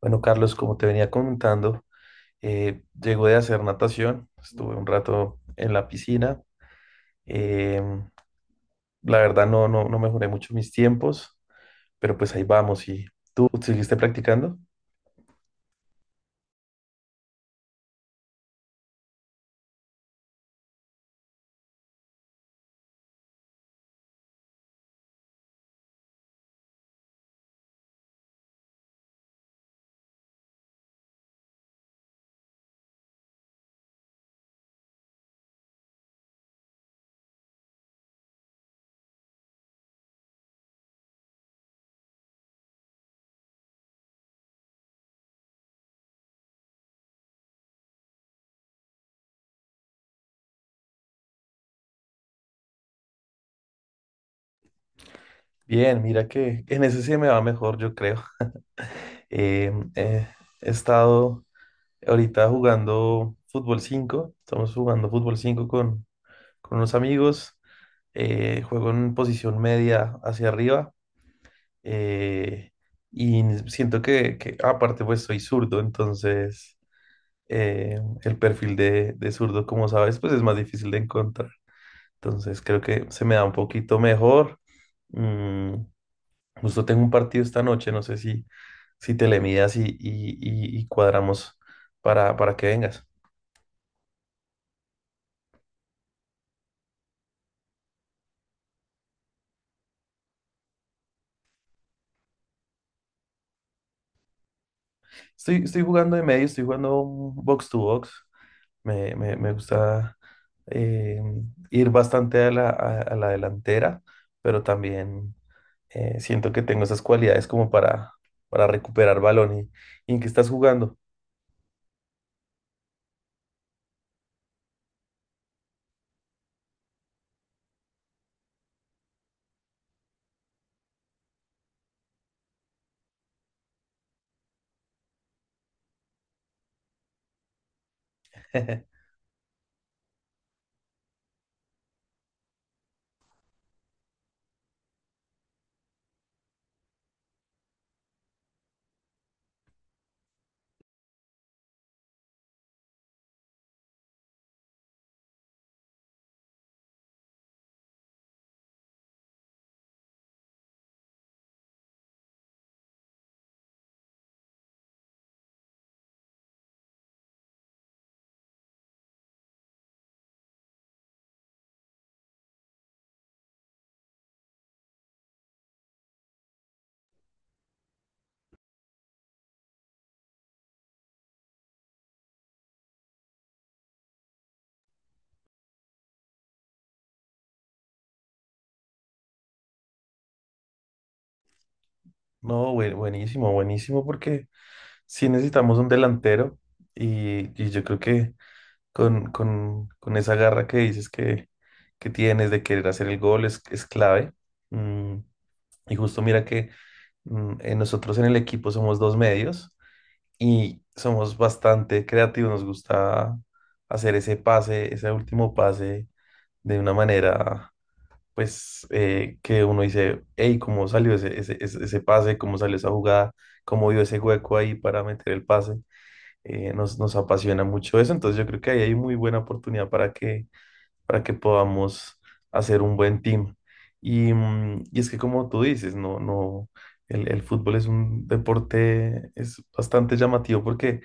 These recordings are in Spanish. Bueno, Carlos, como te venía comentando, llego de hacer natación, estuve un rato en la piscina. em, la verdad no mejoré mucho mis tiempos, pero pues ahí vamos. ¿Y tú seguiste practicando? Bien, mira que en ese sí me va mejor, yo creo. Em, eh, He estado ahorita jugando fútbol 5. Estamos jugando fútbol 5 con unos amigos. Juego en posición media hacia arriba. eh, y siento que aparte pues soy zurdo. Entonces el perfil de zurdo, como sabes, pues es más difícil de encontrar. Entonces creo que se me da un poquito mejor. Mm, Justo tengo un partido esta noche, no sé si te le midas y cuadramos para que vengas. Estoy jugando de medio, estoy jugando un box to box. Me gusta eh, ir bastante a la, a la delantera, pero también siento que tengo esas cualidades como para recuperar balón. ¿Y en qué estás jugando? No, buenísimo, buenísimo, porque sí necesitamos un delantero y yo creo que con esa garra que dices que tienes de querer hacer el gol es clave. Mm, y justo mira que nosotros en el equipo somos dos medios y somos bastante creativos. Nos gusta hacer ese pase, ese último pase de una manera, pues, que uno dice, hey, ¿cómo salió ese pase? ¿Cómo salió esa jugada? ¿Cómo vio ese hueco ahí para meter el pase? Nos apasiona mucho eso. Entonces yo creo que ahí hay muy buena oportunidad para que podamos hacer un buen team. Y es que como tú dices, no, no, el fútbol es un deporte, es bastante llamativo porque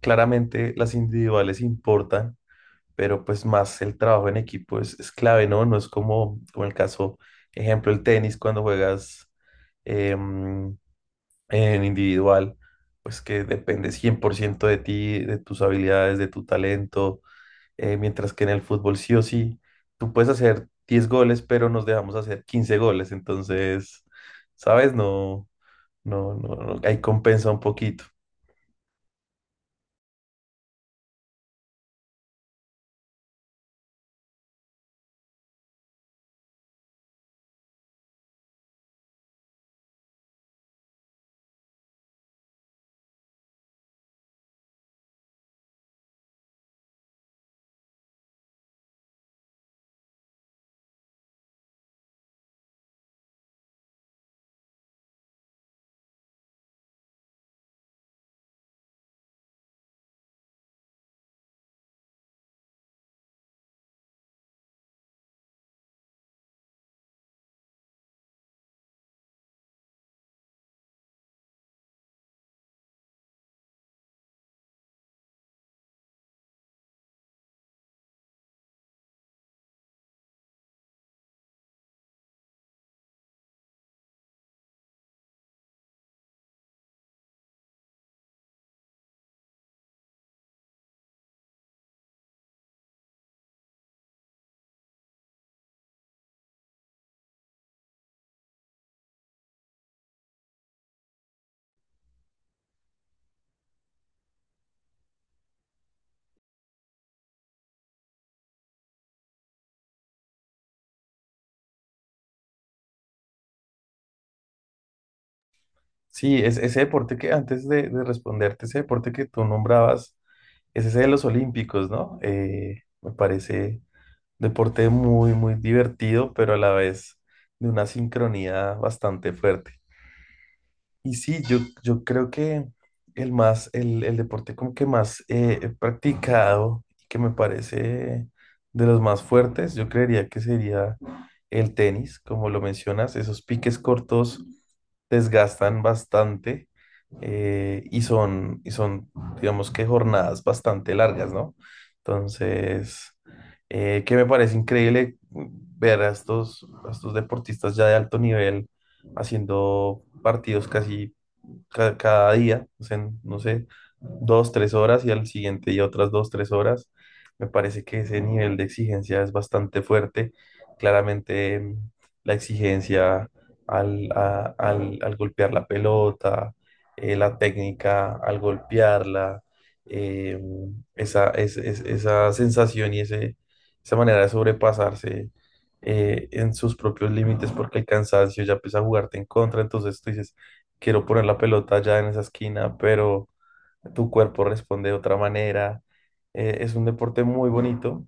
claramente las individuales importan, pero pues más el trabajo en equipo es clave, ¿no? No es como el caso, ejemplo, el tenis cuando juegas em, en individual, pues que depende 100% de ti, de tus habilidades, de tu talento. Mientras que en el fútbol sí o sí, tú puedes hacer 10 goles, pero nos dejamos hacer 15 goles. Entonces, ¿sabes? No, no, no, no, ahí compensa un poquito. Sí, es ese deporte que antes de responderte, ese deporte que tú nombrabas es ese de los olímpicos, ¿no? Me parece deporte muy, muy divertido, pero a la vez de una sincronía bastante fuerte. Y sí, yo creo que el deporte como que más he practicado y que me parece de los más fuertes, yo creería que sería el tenis. Como lo mencionas, esos piques cortos desgastan bastante y son, digamos, que jornadas bastante largas, ¿no? Entonces, que me parece increíble ver a estos deportistas ya de alto nivel haciendo partidos casi cada día, o sea, no sé, dos, tres horas y al siguiente día otras dos, tres horas. Me parece que ese nivel de exigencia es bastante fuerte. Claramente la exigencia al golpear la pelota, la técnica al golpearla, eh, esa, esa sensación y esa manera de sobrepasarse en sus propios límites porque el cansancio ya empieza a jugarte en contra. Entonces tú dices, quiero poner la pelota ya en esa esquina, pero tu cuerpo responde de otra manera. Es un deporte muy bonito,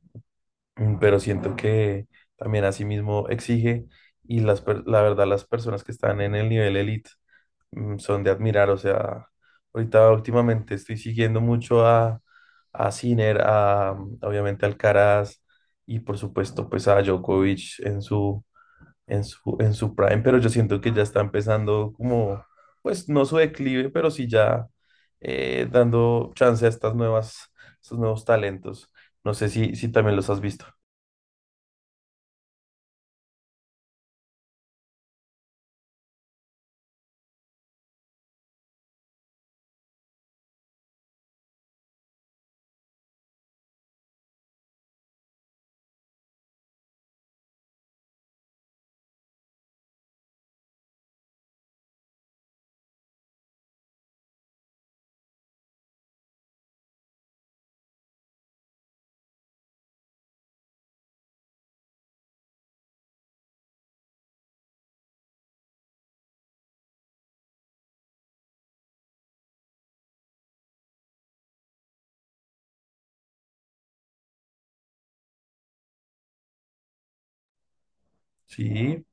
pero siento que también asimismo exige, y la verdad las personas que están en el nivel elite son de admirar. O sea, ahorita últimamente estoy siguiendo mucho a Sinner, obviamente a Alcaraz y por supuesto pues a Djokovic en su en su prime, pero yo siento que ya está empezando como, pues no su declive, pero sí ya dando chance a estos nuevos talentos. No sé si también los has visto. Sí,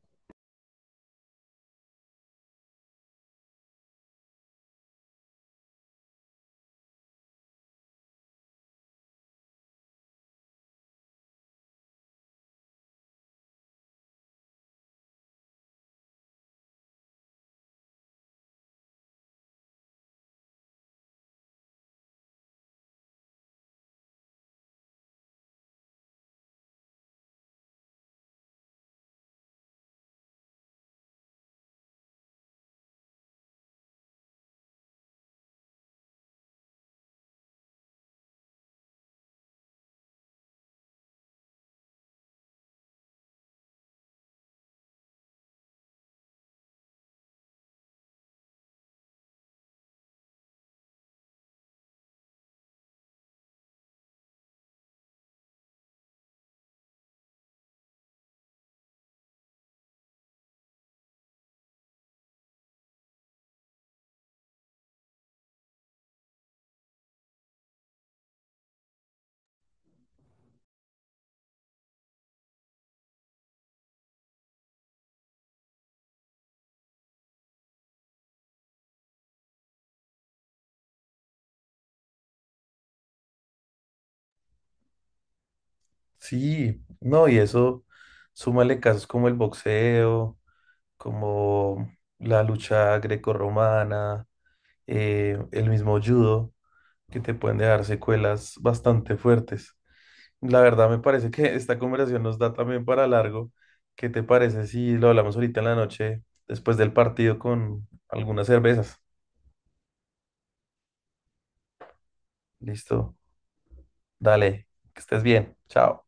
sí, no, y eso, súmale casos como el boxeo, como la lucha grecorromana, el mismo judo, que te pueden dejar secuelas bastante fuertes. La verdad me parece que esta conversación nos da también para largo. ¿Qué te parece si lo hablamos ahorita en la noche, después del partido con algunas cervezas? Listo, dale, que estés bien, chao.